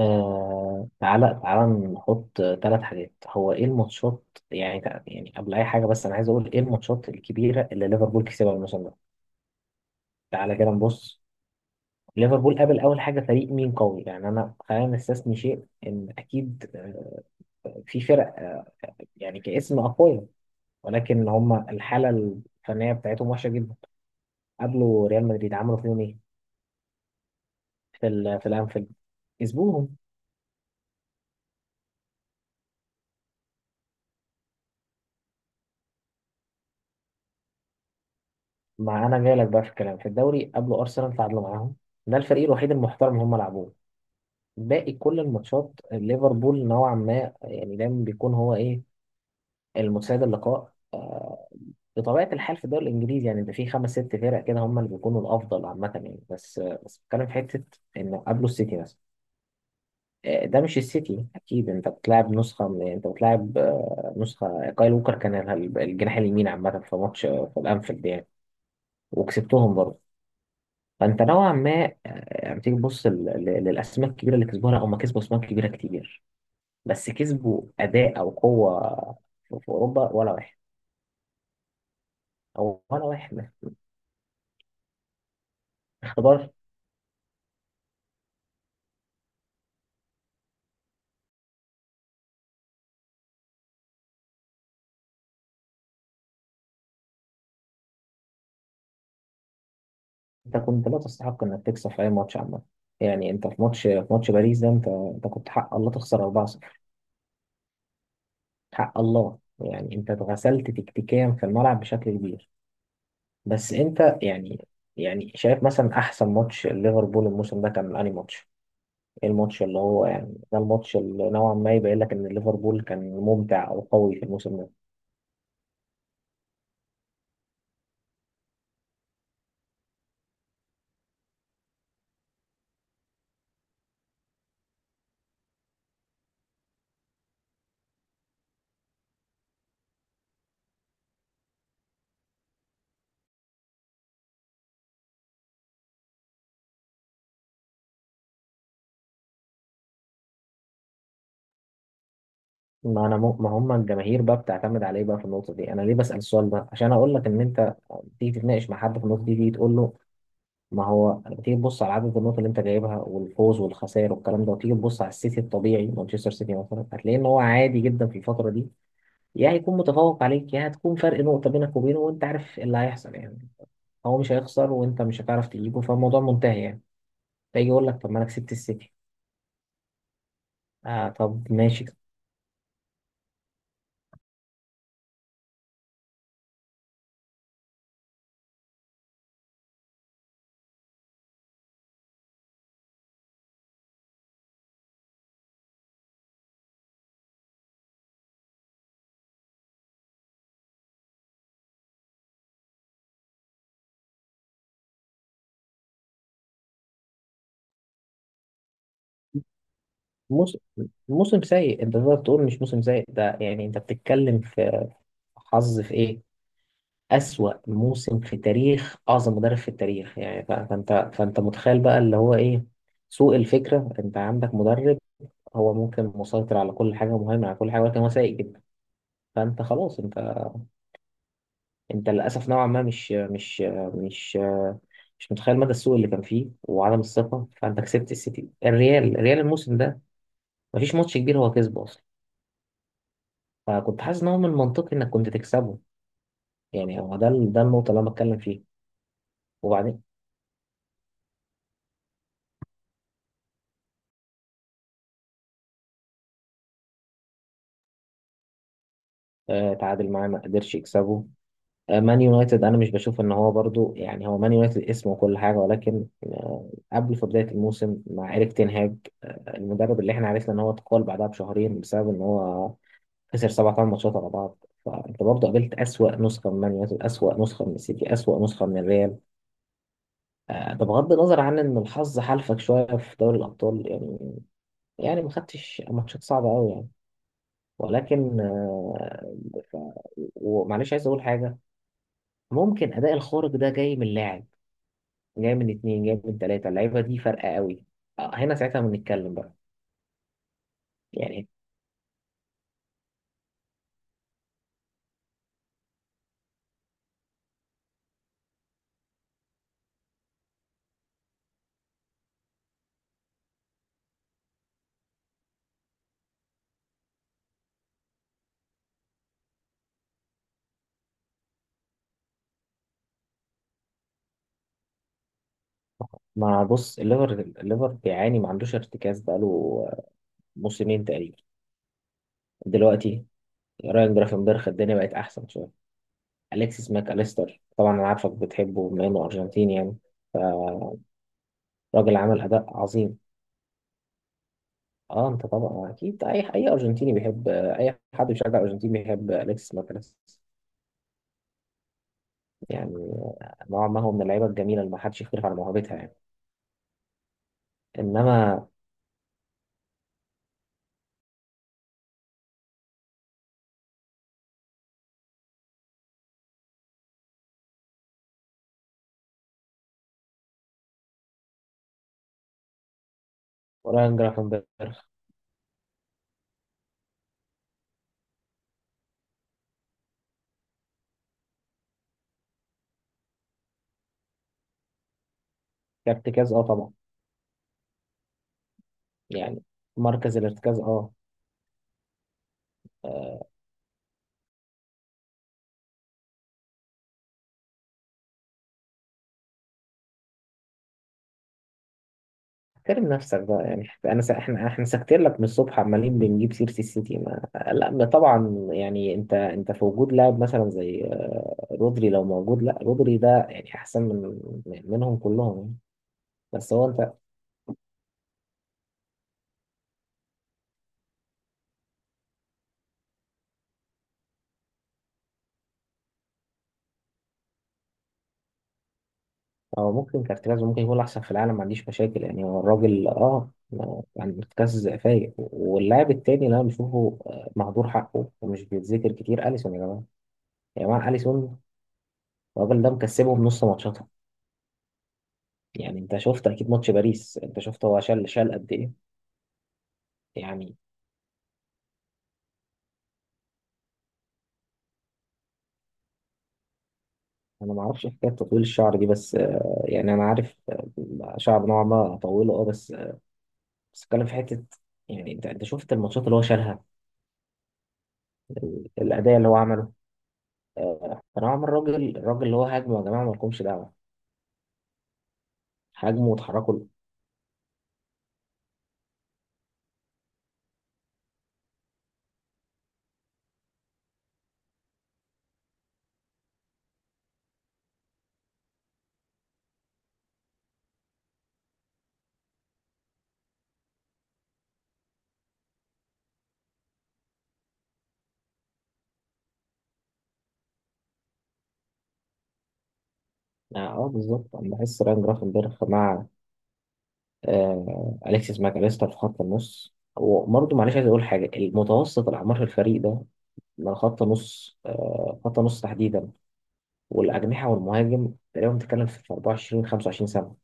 تعالى تعالى نحط ثلاث حاجات، هو ايه الماتشات؟ يعني قبل اي حاجه بس انا عايز اقول ايه الماتشات الكبيره اللي ليفربول كسبها الموسم ده. تعالى كده نبص. ليفربول قابل اول حاجه فريق مين قوي؟ يعني انا خلينا نستثني شيء ان اكيد في فرق يعني كاسم اقوياء، ولكن هم الحاله الفنيه بتاعتهم وحشه جدا. قابلوا ريال مدريد، عملوا فيهم ايه في الانفيلد؟ كسبوهم. ما انا جاي لك بقى في الكلام، في الدوري قابلوا ارسنال، تعادلوا معاهم. ده الفريق الوحيد المحترم هم لعبوه. باقي كل الماتشات ليفربول نوعا ما يعني دايما بيكون هو ايه، المتسيد اللقاء. بطبيعة الحال في الدوري الإنجليزي يعني ده في خمس ست فرق كده هم اللي بيكونوا الأفضل عامة، يعني بس بس بتكلم في حتة إنه قبله السيتي مثلا. ده مش السيتي أكيد. أنت بتلعب نسخة من، أنت بتلعب نسخة كايل ووكر كان الجناح اليمين عامة في ماتش في الأنفيلد يعني، وكسبتهم برضه. فأنت نوعا ما يعني تيجي تبص للأسماء الكبيرة اللي كسبوها، لا هم كسبوا أسماء كبيرة كتير، بس كسبوا اداء او قوه في اوروبا ولا واحد، او ولا واحد. اختبار. انت كنت لا تستحق انك تكسب في اي ماتش عامه. يعني انت في ماتش، في ماتش باريس ده انت كنت حق الله تخسر 4-0. حق الله. يعني انت اتغسلت تكتيكيا في الملعب بشكل كبير. بس انت يعني، يعني شايف مثلا احسن ماتش ليفربول الموسم ده كان انهي ماتش؟ ايه الماتش اللي هو يعني ده الماتش اللي نوعا ما يبين لك ان ليفربول كان ممتع او قوي في الموسم ده؟ ما انا مو... ما هم الجماهير بقى بتعتمد عليه بقى في النقطه دي. انا ليه بسال السؤال ده؟ عشان اقول لك ان انت تيجي تتناقش مع حد في النقطه دي، تيجي تقول له ما هو تيجي تبص على عدد النقط اللي انت جايبها والفوز والخسائر والكلام ده، وتيجي تبص على السيتي الطبيعي، مانشستر سيتي مثلا، هتلاقي ان هو عادي جدا في الفتره دي. يا هيكون متفوق عليك، يا هتكون فرق نقطه بينك وبينه، وانت عارف اللي هيحصل يعني. هو مش هيخسر وانت مش هتعرف تجيبه، فالموضوع منتهي يعني. فيجي يقول لك طب ما انا كسبت السيتي. آه طب ماشي. موسم موسم سيء. انت تقدر تقول مش موسم سيء ده؟ يعني انت بتتكلم في حظ في ايه، اسوأ موسم في تاريخ اعظم مدرب في التاريخ يعني. فانت متخيل بقى اللي هو ايه، سوء الفكرة. انت عندك مدرب هو ممكن مسيطر على كل حاجة مهمة، على كل حاجة، ولكن هو سيء جدا. فانت خلاص، انت، انت للاسف نوعا ما مش مش متخيل مدى السوء اللي كان فيه وعدم الثقة. فانت كسبت السيتي، الريال الموسم ده مفيش ماتش كبير هو كسبه، فكنت حاسس ان هو من المنطقي انك كنت تكسبه. يعني هو ده ده النقطه اللي انا بتكلم فيها. وبعدين آه تعادل معاه، ما قدرش يكسبه. آه مان يونايتد انا مش بشوف ان هو برضو يعني، هو مان يونايتد اسم وكل حاجه، ولكن آه قبل في بدايه الموسم مع ايريك تين هاج، آه المدرب اللي احنا عرفنا ان هو اتقال بعدها بشهرين بسبب ان هو خسر سبع ثمان ماتشات على بعض، فانت برضه قابلت اسوأ نسخه من مان يونايتد، اسوأ نسخه من السيتي، اسوأ نسخه من الريال. ده بغض النظر عن ان الحظ حالفك شويه في دوري الابطال يعني، يعني ما خدتش ماتشات صعبة قوي يعني. ولكن آه، ف... ومعلش عايز اقول حاجة، ممكن اداء الخارق ده جاي من لاعب، جاي من اتنين، جاي من تلاتة. اللعيبة دي فارقة قوي. هنا ساعتها بنتكلم بقى يعني. ما بص، الليفر بيعاني، ما عندوش ارتكاز بقاله آه، موسمين تقريبا. دلوقتي رايان جرافنبرخ الدنيا بقت احسن شويه. اليكسيس ماك اليستر طبعا انا عارفك بتحبه بما انه ارجنتيني يعني، راجل عمل اداء عظيم. اه انت طبعا اكيد اي، اي ارجنتيني بيحب اي حد بيشجع ارجنتين بيحب اليكس ماكاليستر يعني. نوعا ما هو من اللعيبه الجميله اللي ما حدش يختلف على موهبتها يعني. انما رايان جرافنبرخ كارتكاز اه طبعا يعني، مركز الارتكاز اه. آه، احترم نفسك بقى يعني. احنا ساكتين لك من الصبح عمالين بنجيب سيره السيتي. ما... لا ما طبعا يعني، انت في وجود لاعب مثلا زي رودري لو موجود، لا رودري ده يعني احسن منهم كلهم يعني. بس هو انت، هو ممكن كارتياز ممكن يكون احسن في العالم، ما عنديش مشاكل يعني، هو الراجل اه يعني كاس فايق. واللاعب التاني اللي انا بشوفه مهدور حقه ومش بيتذكر كتير، اليسون يا جماعه، يا جماعه اليسون. الراجل ده مكسبهم نص ماتشاتهم. يعني انت شفت اكيد ماتش باريس، انت شفت هو شال، شال قد ايه. يعني انا ما اعرفش حكايه تطويل الشعر دي بس يعني انا عارف شعر نوعا ما اطوله اه، بس بس اتكلم في حته. يعني انت شفت الماتشات اللي هو شالها، الاداء اللي هو عمله. فنوعا ما الراجل، الراجل اللي هو هاجمه يا جماعه ما لكمش دعوه. هاجمه وتحركوا اه. بالظبط انا بحس راين جرافنبرخ مع اليكسيس ماكاليستر في خط النص. وبرضه معلش عايز اقول حاجه، المتوسط الاعمار في الفريق ده، من خط نص خط نص تحديدا والاجنحه والمهاجم، تقريبا بتتكلم في 24 25 سنه.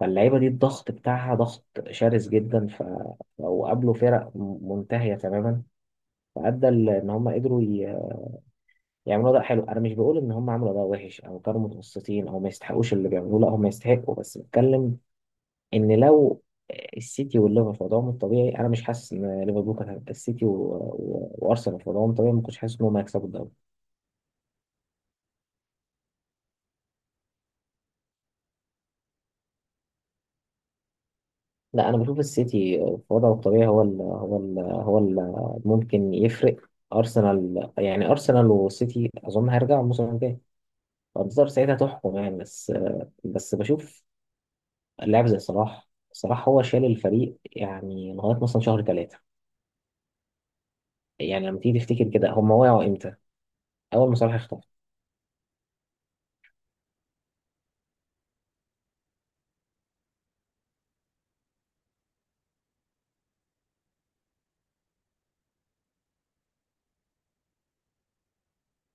فاللعيبه دي الضغط بتاعها ضغط شرس جدا. وقابلوا فرق منتهيه تماما، فادى ان هم قدروا يعملوا اداء حلو. انا مش بقول ان هم عملوا اداء وحش او كانوا متوسطين او ما يستحقوش اللي بيعملوه، لا هم يستحقوا، بس بتكلم ان لو السيتي والليفر في وضعهم الطبيعي، انا مش حاسس ان ليفربول كانت هتبقى، السيتي وارسنال في وضعهم الطبيعي، ما كنتش حاسس ان هم هيكسبوا الدوري. لا، انا بشوف السيتي في وضعه الطبيعي هو ممكن يفرق ارسنال يعني. ارسنال والسيتي اظن هيرجعوا الموسم الجاي، فانتظار ساعتها تحكم يعني. بس بس بشوف لاعب زي صلاح، صلاح هو شال الفريق يعني لغايه مثلا شهر ثلاثه. يعني لما تيجي تفتكر كده، هم وقعوا امتى؟ اول ما صلاح اختفى.